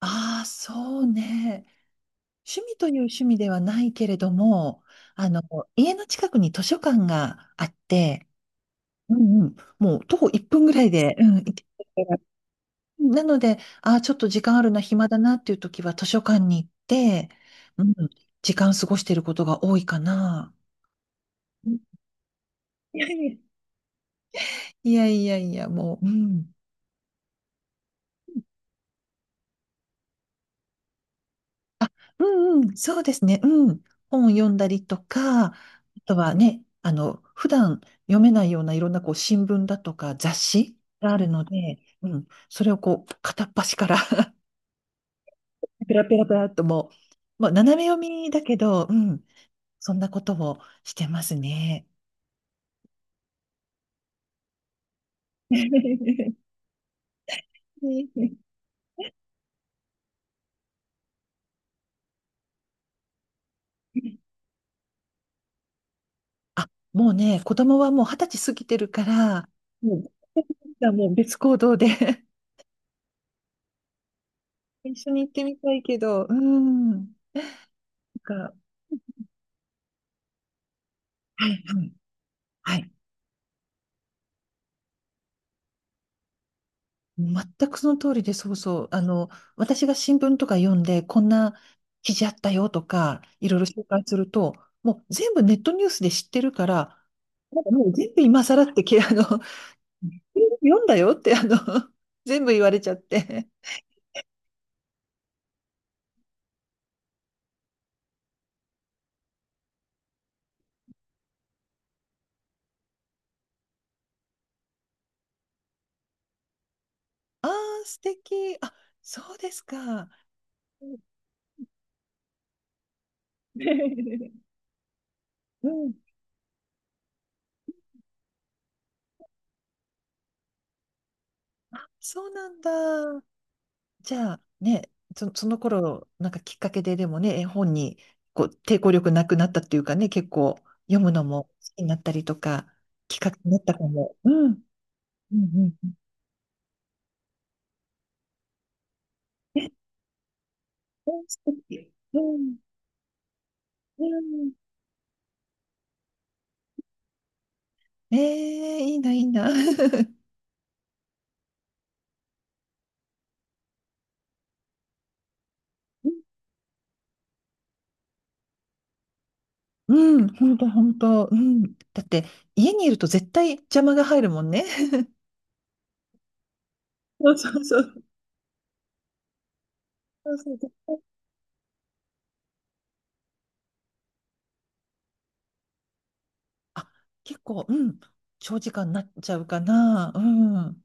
ああ、そうね。趣味という趣味ではないけれども、あの、家の近くに図書館があって、うん、もう徒歩1分ぐらいで、行けるからなので、ああ、ちょっと時間あるな、暇だなっていう時は図書館に行って、うん、時間過ごしていることが多いかな。うん、いや、 いやいやいや、もう、うん。あ、うんうん、そうですね。うん。本読んだりとか、あとはね、普段読めないようないろんなこう新聞だとか雑誌があるので、それをこう片っ端から ペラペラペラっとまあ、斜め読みだけど、そんなことをしてますね。あ、もうね、子供はもう二十歳過ぎてるから、もう、もう別行動で 一緒に行ってみたいけど、うん。が、はいはい、はい。全くその通りで、そうそう。私が新聞とか読んで、こんな記事あったよとか、いろいろ紹介すると、もう全部ネットニュースで知ってるから、なんかもう全部今更ってき、全部読んだよって、全部言われちゃって。ああ、素敵。あ、そうですか。うん、そうなんだ。じゃあね、その頃、なんかきっかけででもね、絵本にこう抵抗力なくなったっていうかね、結構読むのも好きになったりとか、きっかけになったかも。うん。うんうんうん。え、うん、素敵、うん。うん、ええ、いいな、いいな。うん、本当本当。うん。だって、家にいると絶対邪魔が入るもんね。そうそうそう。そうそう、絶対、あ、結構、うん。長時間になっちゃうかな。うん。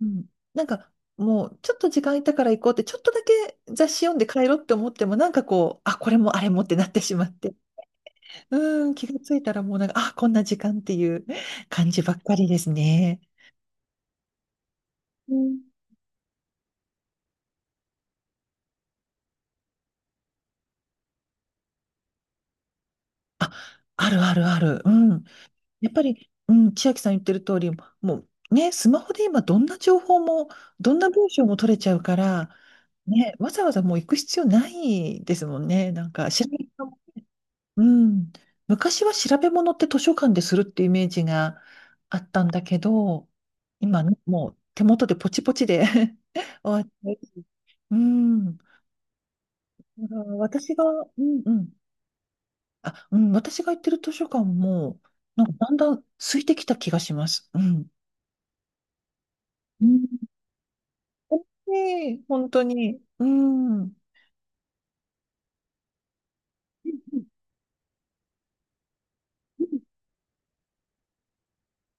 うん、なんかもうちょっと時間空いたから行こうってちょっとだけ雑誌読んで帰ろうって思ってもなんかこうあこれもあれもってなってしまって、うん、気がついたらもうなんかあこんな時間っていう感じばっかりですね。うん、あるあるある。うん。やっぱり、千秋さん言ってる通り、もうね、スマホで今どんな情報も、どんな文章も取れちゃうから、ね、わざわざもう行く必要ないですもんね。なんか知らない、うん。昔は調べ物って図書館でするっていうイメージがあったんだけど、今ね、もう手元でポチポチで 終わって。うん。だから私が、うんうん。あ、私が行ってる図書館も、なんかだんだん空いてきた気がします。うん。うん。ねえ本当に。うん。うん。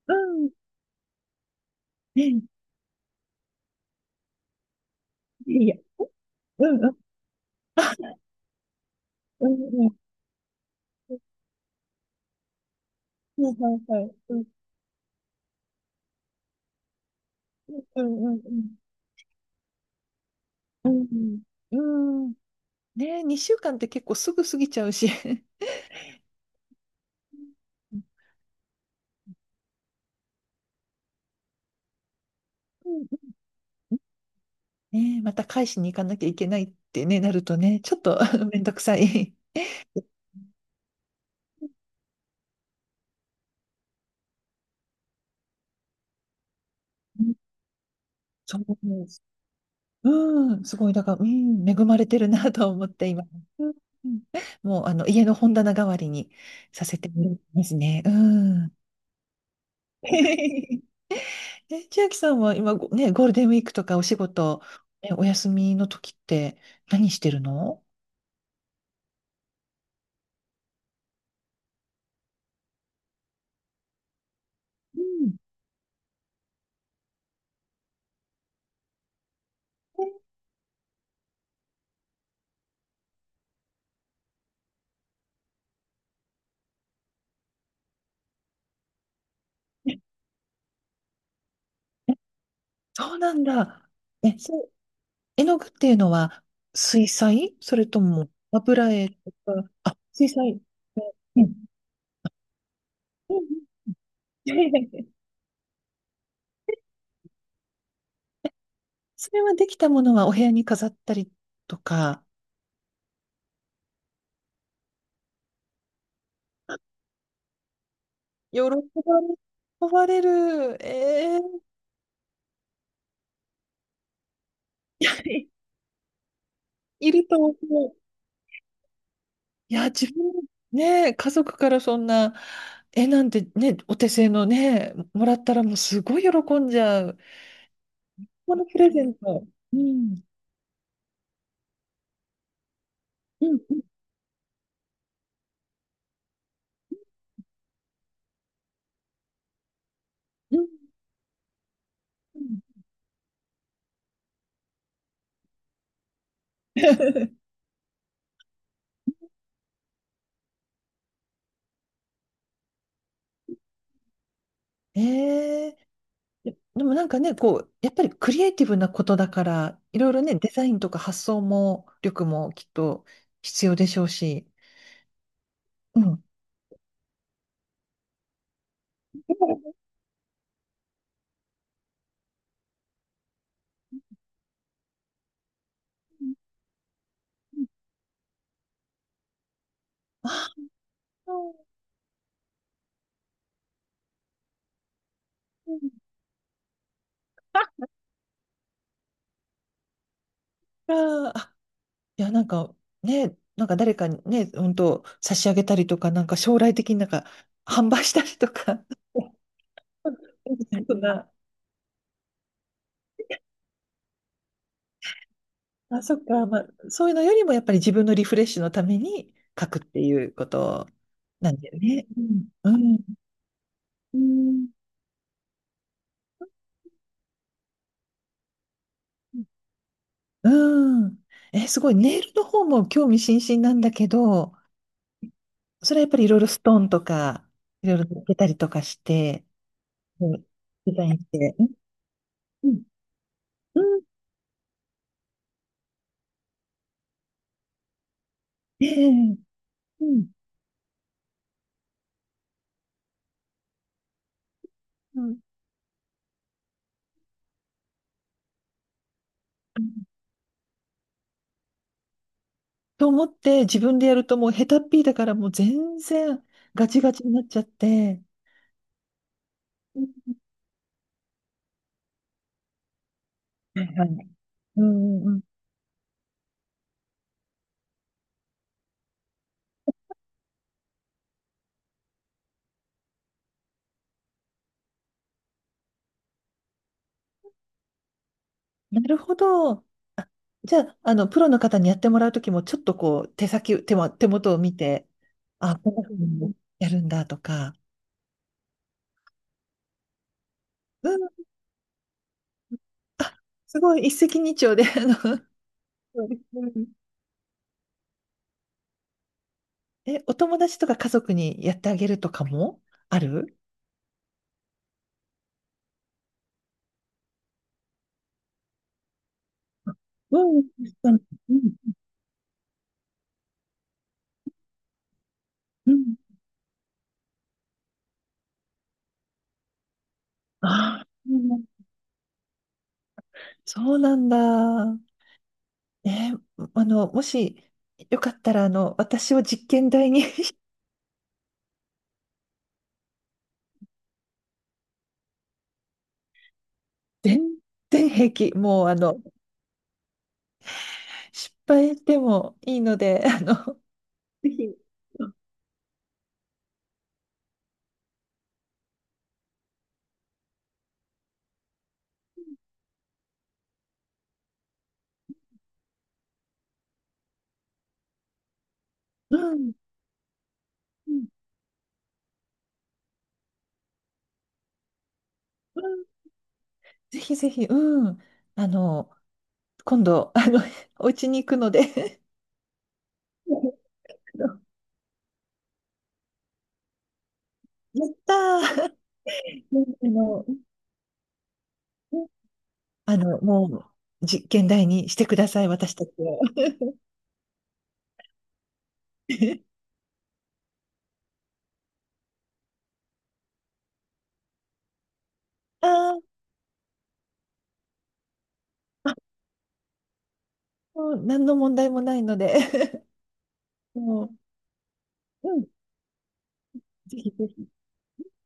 うん、ねえ、いや、うんうん。うんうん。はいはいはい。うんうんうん。うん。うん。ねえ、2週間って結構すぐ過ぎちゃうし。うんうんうん、ねえ、また返しに行かなきゃいけないってね、なるとね、ちょっと めんどくさい。うん、そう思う。うん、すごい、だから、うん、恵まれてるなと思って今。うんうん、もう、家の本棚代わりにさせてもらいますね。うん。え、千秋さんはね、ゴールデンウィークとかお仕事、え、お休みの時って何してるの？うん、え、そうなんだ。え、そう、絵の具っていうのは水彩それとも油絵とあ、水彩。うん。うんうん、いやいやいや、 それはできたものはお部屋に飾ったりとか、喜ばれ、喜ばれる。えー、 いると思う。いや、自分、ね、家族からそんな絵なんてね、お手製のね、もらったらもうすごい喜んじゃう。このプレゼント。うん、うん、うん、うん。 ええ、でもなんかね、こう、やっぱりクリエイティブなことだから、いろいろね、デザインとか発想も、力もきっと必要でしょうし。うん。ああー、うんうん、あー、いや、なんかね、なんか誰かにね、本当差し上げたりとか、なんか将来的になんか販売したりとか、そんな、あ、そっか、まあ、そういうのよりもやっぱり自分のリフレッシュのために書くっていうことなんだよね。うん。うん。うん。うん。え、すごい。ネイルの方も興味津々なんだけど、それはやっぱりいろいろストーンとか、いろいろ抜けたりとかして、うん、デザインして。うん。うん。うん、ええ、うん。うんと思って自分でやるともう下手っぴだからもう全然ガチガチになっちゃって。うん、はいはい。うんうんうん。なるほど。じゃあ、プロの方にやってもらうときも、ちょっとこう、手先、手も、手元を見て、あ、こんなふうにやるんだとか、うん、あ、すごい、一石二鳥で、そうですうん、 え、お友達とか家族にやってあげるとかもある？うん、うん、うん。うん。あー、うん、そうなんだ。ねえ、もしよかったら、私を実験台に。 全然平気。もう、失敗でもいいので、ぜひ、うん、うん、うん、ぜひぜひ、うん。あの、今度、お家に行くので。 あの、やったー。あの、もう、実験台にしてください、私たちを。あー、あ、もう何の問題もないので、 もう、うん、ぜひぜひ。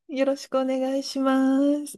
よろしくお願いします。